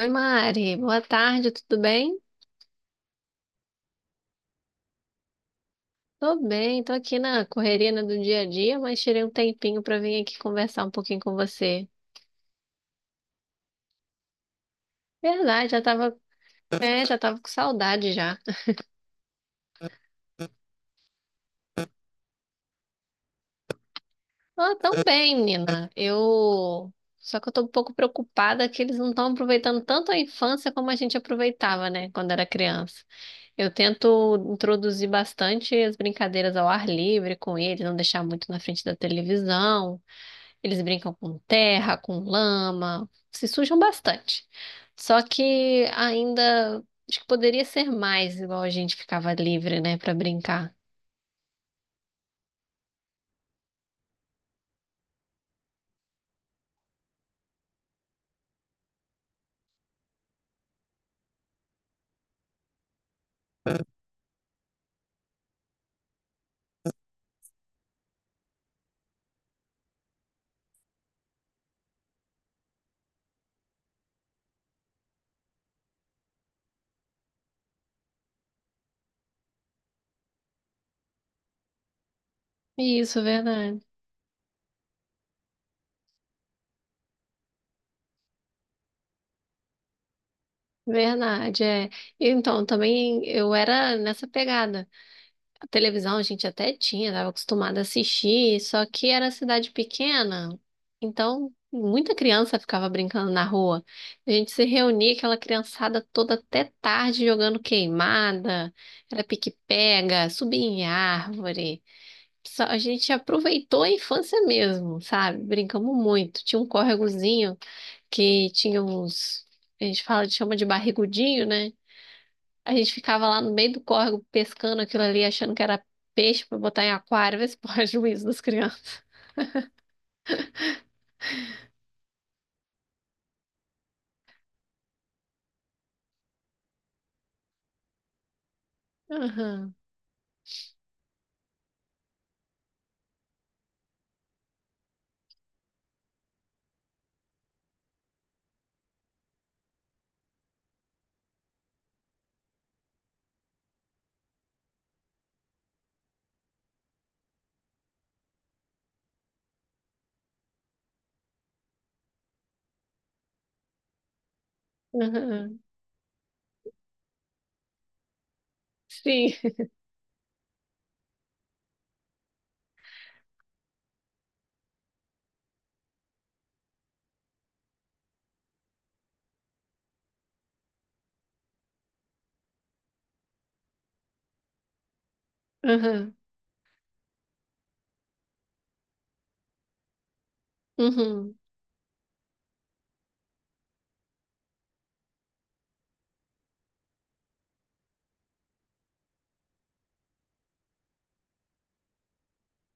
Oi, Mari. Boa tarde, tudo bem? Tô bem, tô aqui na correria, né, do dia a dia, mas tirei um tempinho pra vir aqui conversar um pouquinho com você. Verdade, já tava com saudade já. Ah, tão bem, menina. Eu Só que eu tô um pouco preocupada que eles não estão aproveitando tanto a infância como a gente aproveitava, né, quando era criança. Eu tento introduzir bastante as brincadeiras ao ar livre com eles, não deixar muito na frente da televisão. Eles brincam com terra, com lama, se sujam bastante. Só que ainda acho que poderia ser mais, igual a gente ficava livre, né, para brincar. Isso, verdade. Verdade, é. Então, também eu era nessa pegada. A televisão a gente até tinha, estava acostumada a assistir, só que era cidade pequena, então muita criança ficava brincando na rua. A gente se reunia, aquela criançada toda até tarde jogando queimada, era pique-pega, subia em árvore. A gente aproveitou a infância mesmo, sabe? Brincamos muito. Tinha um córregozinho que tinha uns, a gente fala, chama de barrigudinho, né? A gente ficava lá no meio do córrego pescando aquilo ali, achando que era peixe pra botar em aquário, ver se porra. Juízo das crianças. Aham, aham, sim, aham, uhum,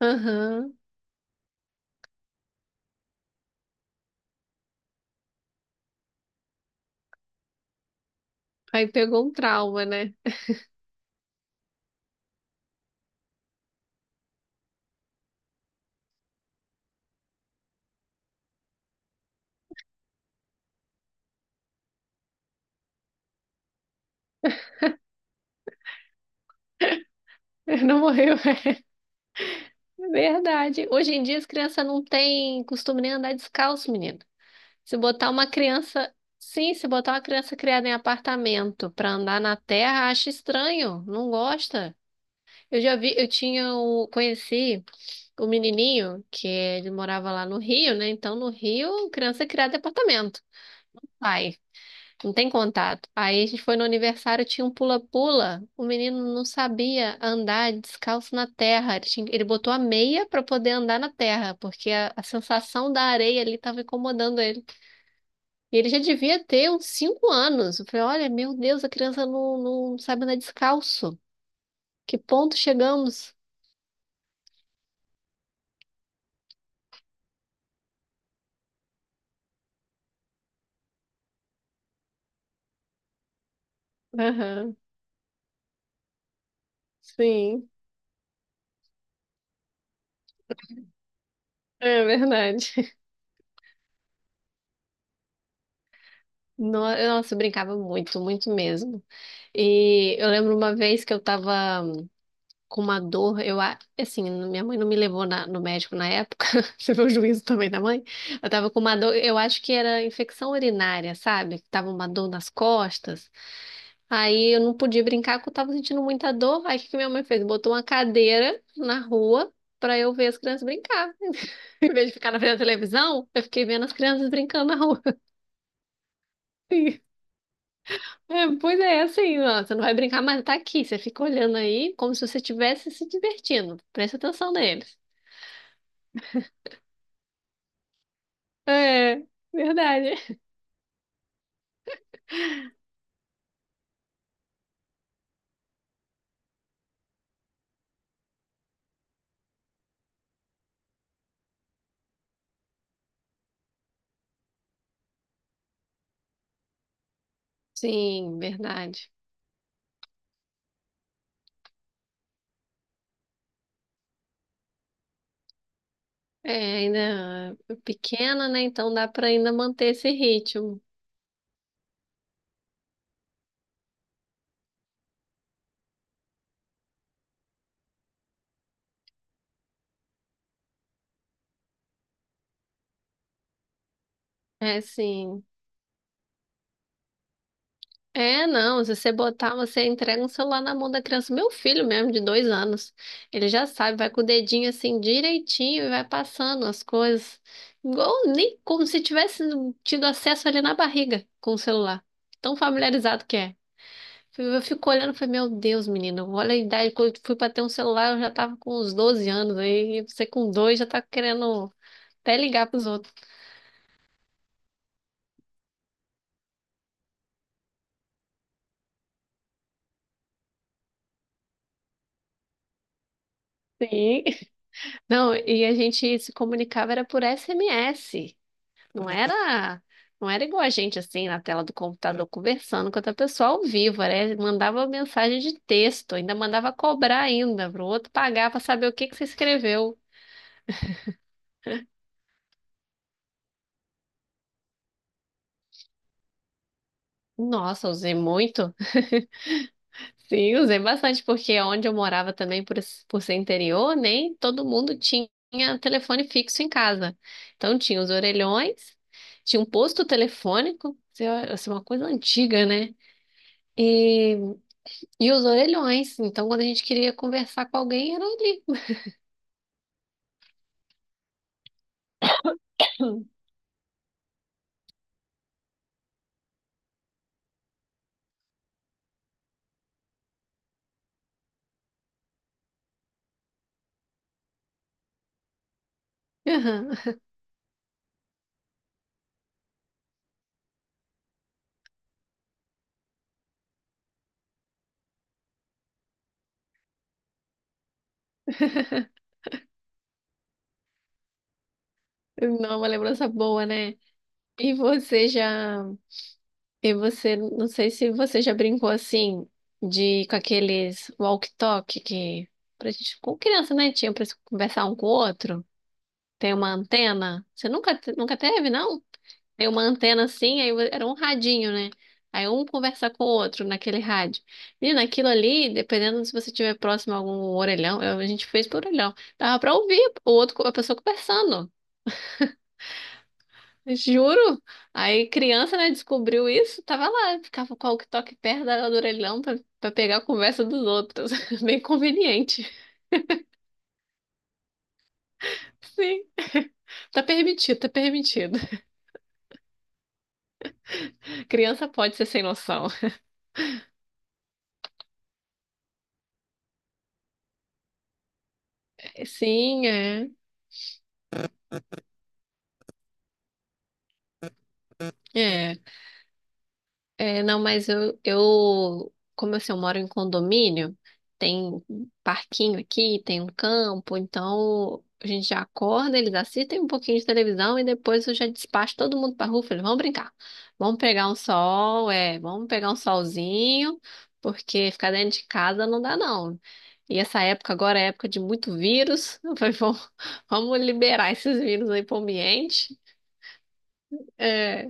aham. Aí pegou um trauma, né? Não morreu. É. Verdade. Hoje em dia as crianças não têm costume nem andar descalço, menino. Se botar uma criança, sim, se botar uma criança criada em apartamento pra andar na terra, acha estranho, não gosta. Eu já vi, conheci o menininho que ele morava lá no Rio, né? Então no Rio, criança é criada em apartamento. Ai, não tem contato. Aí a gente foi no aniversário, tinha um pula-pula. O menino não sabia andar descalço na terra. Ele botou a meia para poder andar na terra, porque a sensação da areia ali estava incomodando ele. E ele já devia ter uns 5 anos. Eu falei, olha, meu Deus, a criança não, não sabe andar descalço. Que ponto chegamos? Aham. Sim. É verdade. Nossa, eu brincava muito, muito mesmo. E eu lembro uma vez que eu tava com uma dor, assim, minha mãe não me levou no médico na época. Você vê o juízo também da mãe? Eu tava com uma dor, eu acho que era infecção urinária, sabe? Tava uma dor nas costas. Aí eu não podia brincar porque eu tava sentindo muita dor. Aí o que que minha mãe fez? Botou uma cadeira na rua pra eu ver as crianças brincar. Em vez de ficar na frente da televisão, eu fiquei vendo as crianças brincando na rua. É, pois é, assim, ó, você não vai brincar, mas tá aqui. Você fica olhando aí como se você estivesse se divertindo. Presta atenção neles. É, verdade. Sim, verdade. É, ainda pequena, né? Então dá pra ainda manter esse ritmo. É, sim. É, não, se você botar, você entrega um celular na mão da criança. Meu filho mesmo, de 2 anos, ele já sabe, vai com o dedinho assim direitinho e vai passando as coisas. Igual, nem como se tivesse tido acesso ali na barriga com o celular. Tão familiarizado que é. Eu fico olhando e falei, meu Deus, menino, olha a idade, quando eu fui pra ter um celular, eu já tava com uns 12 anos, aí você com dois já tá querendo até ligar pros outros. Sim. Não, e a gente se comunicava era por SMS. Não era, não era igual a gente assim na tela do computador conversando com outra pessoa ao vivo, né? Mandava mensagem de texto, ainda mandava cobrar ainda pro outro pagar para saber o que que você escreveu. Nossa, usei muito. Sim, usei bastante porque onde eu morava também por ser interior, nem todo mundo tinha telefone fixo em casa. Então tinha os orelhões, tinha um posto telefônico, isso é uma coisa antiga, né? E E os orelhões. Então, quando a gente queria conversar com alguém, era ali. Aham. Não, uma lembrança boa, né? E você já. E você, não sei se você já brincou assim, de com aqueles walkie-talkie que. Pra gente, com criança, né? Tinha pra se conversar um com o outro. Tem uma antena. Você nunca teve, não? Aí uma antena assim, aí era um radinho, né? Aí um conversa com o outro naquele rádio. E naquilo ali, dependendo se você estiver próximo a algum orelhão, a gente fez por orelhão. Dava pra ouvir o outro, a pessoa conversando. Juro. Aí criança, né, descobriu isso, tava lá, ficava com o walkie-talkie perto do orelhão pra pegar a conversa dos outros. Bem conveniente. Sim, tá permitido, tá permitido. Criança pode ser sem noção. Sim, é. É. É, não, mas eu, como assim, eu moro em condomínio, tem um parquinho aqui, tem um campo, então a gente já acorda, eles assistem um pouquinho de televisão e depois eu já despacho todo mundo pra rua, falei, vamos brincar, vamos pegar um sol, vamos pegar um solzinho, porque ficar dentro de casa não dá não. E essa época agora é época de muito vírus. Eu falei, vamos liberar esses vírus aí pro ambiente. É.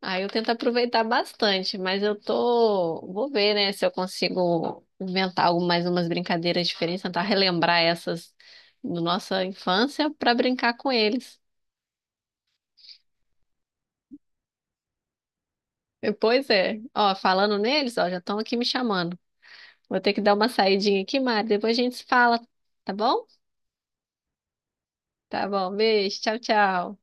Aí eu tento aproveitar bastante, mas eu tô. Vou ver, né, se eu consigo inventar algo, mais umas brincadeiras diferentes, tentar relembrar essas da nossa infância para brincar com eles. Pois é. Ó, falando neles, ó, já estão aqui me chamando. Vou ter que dar uma saidinha aqui, Mari. Depois a gente se fala, tá bom? Tá bom, beijo, tchau, tchau.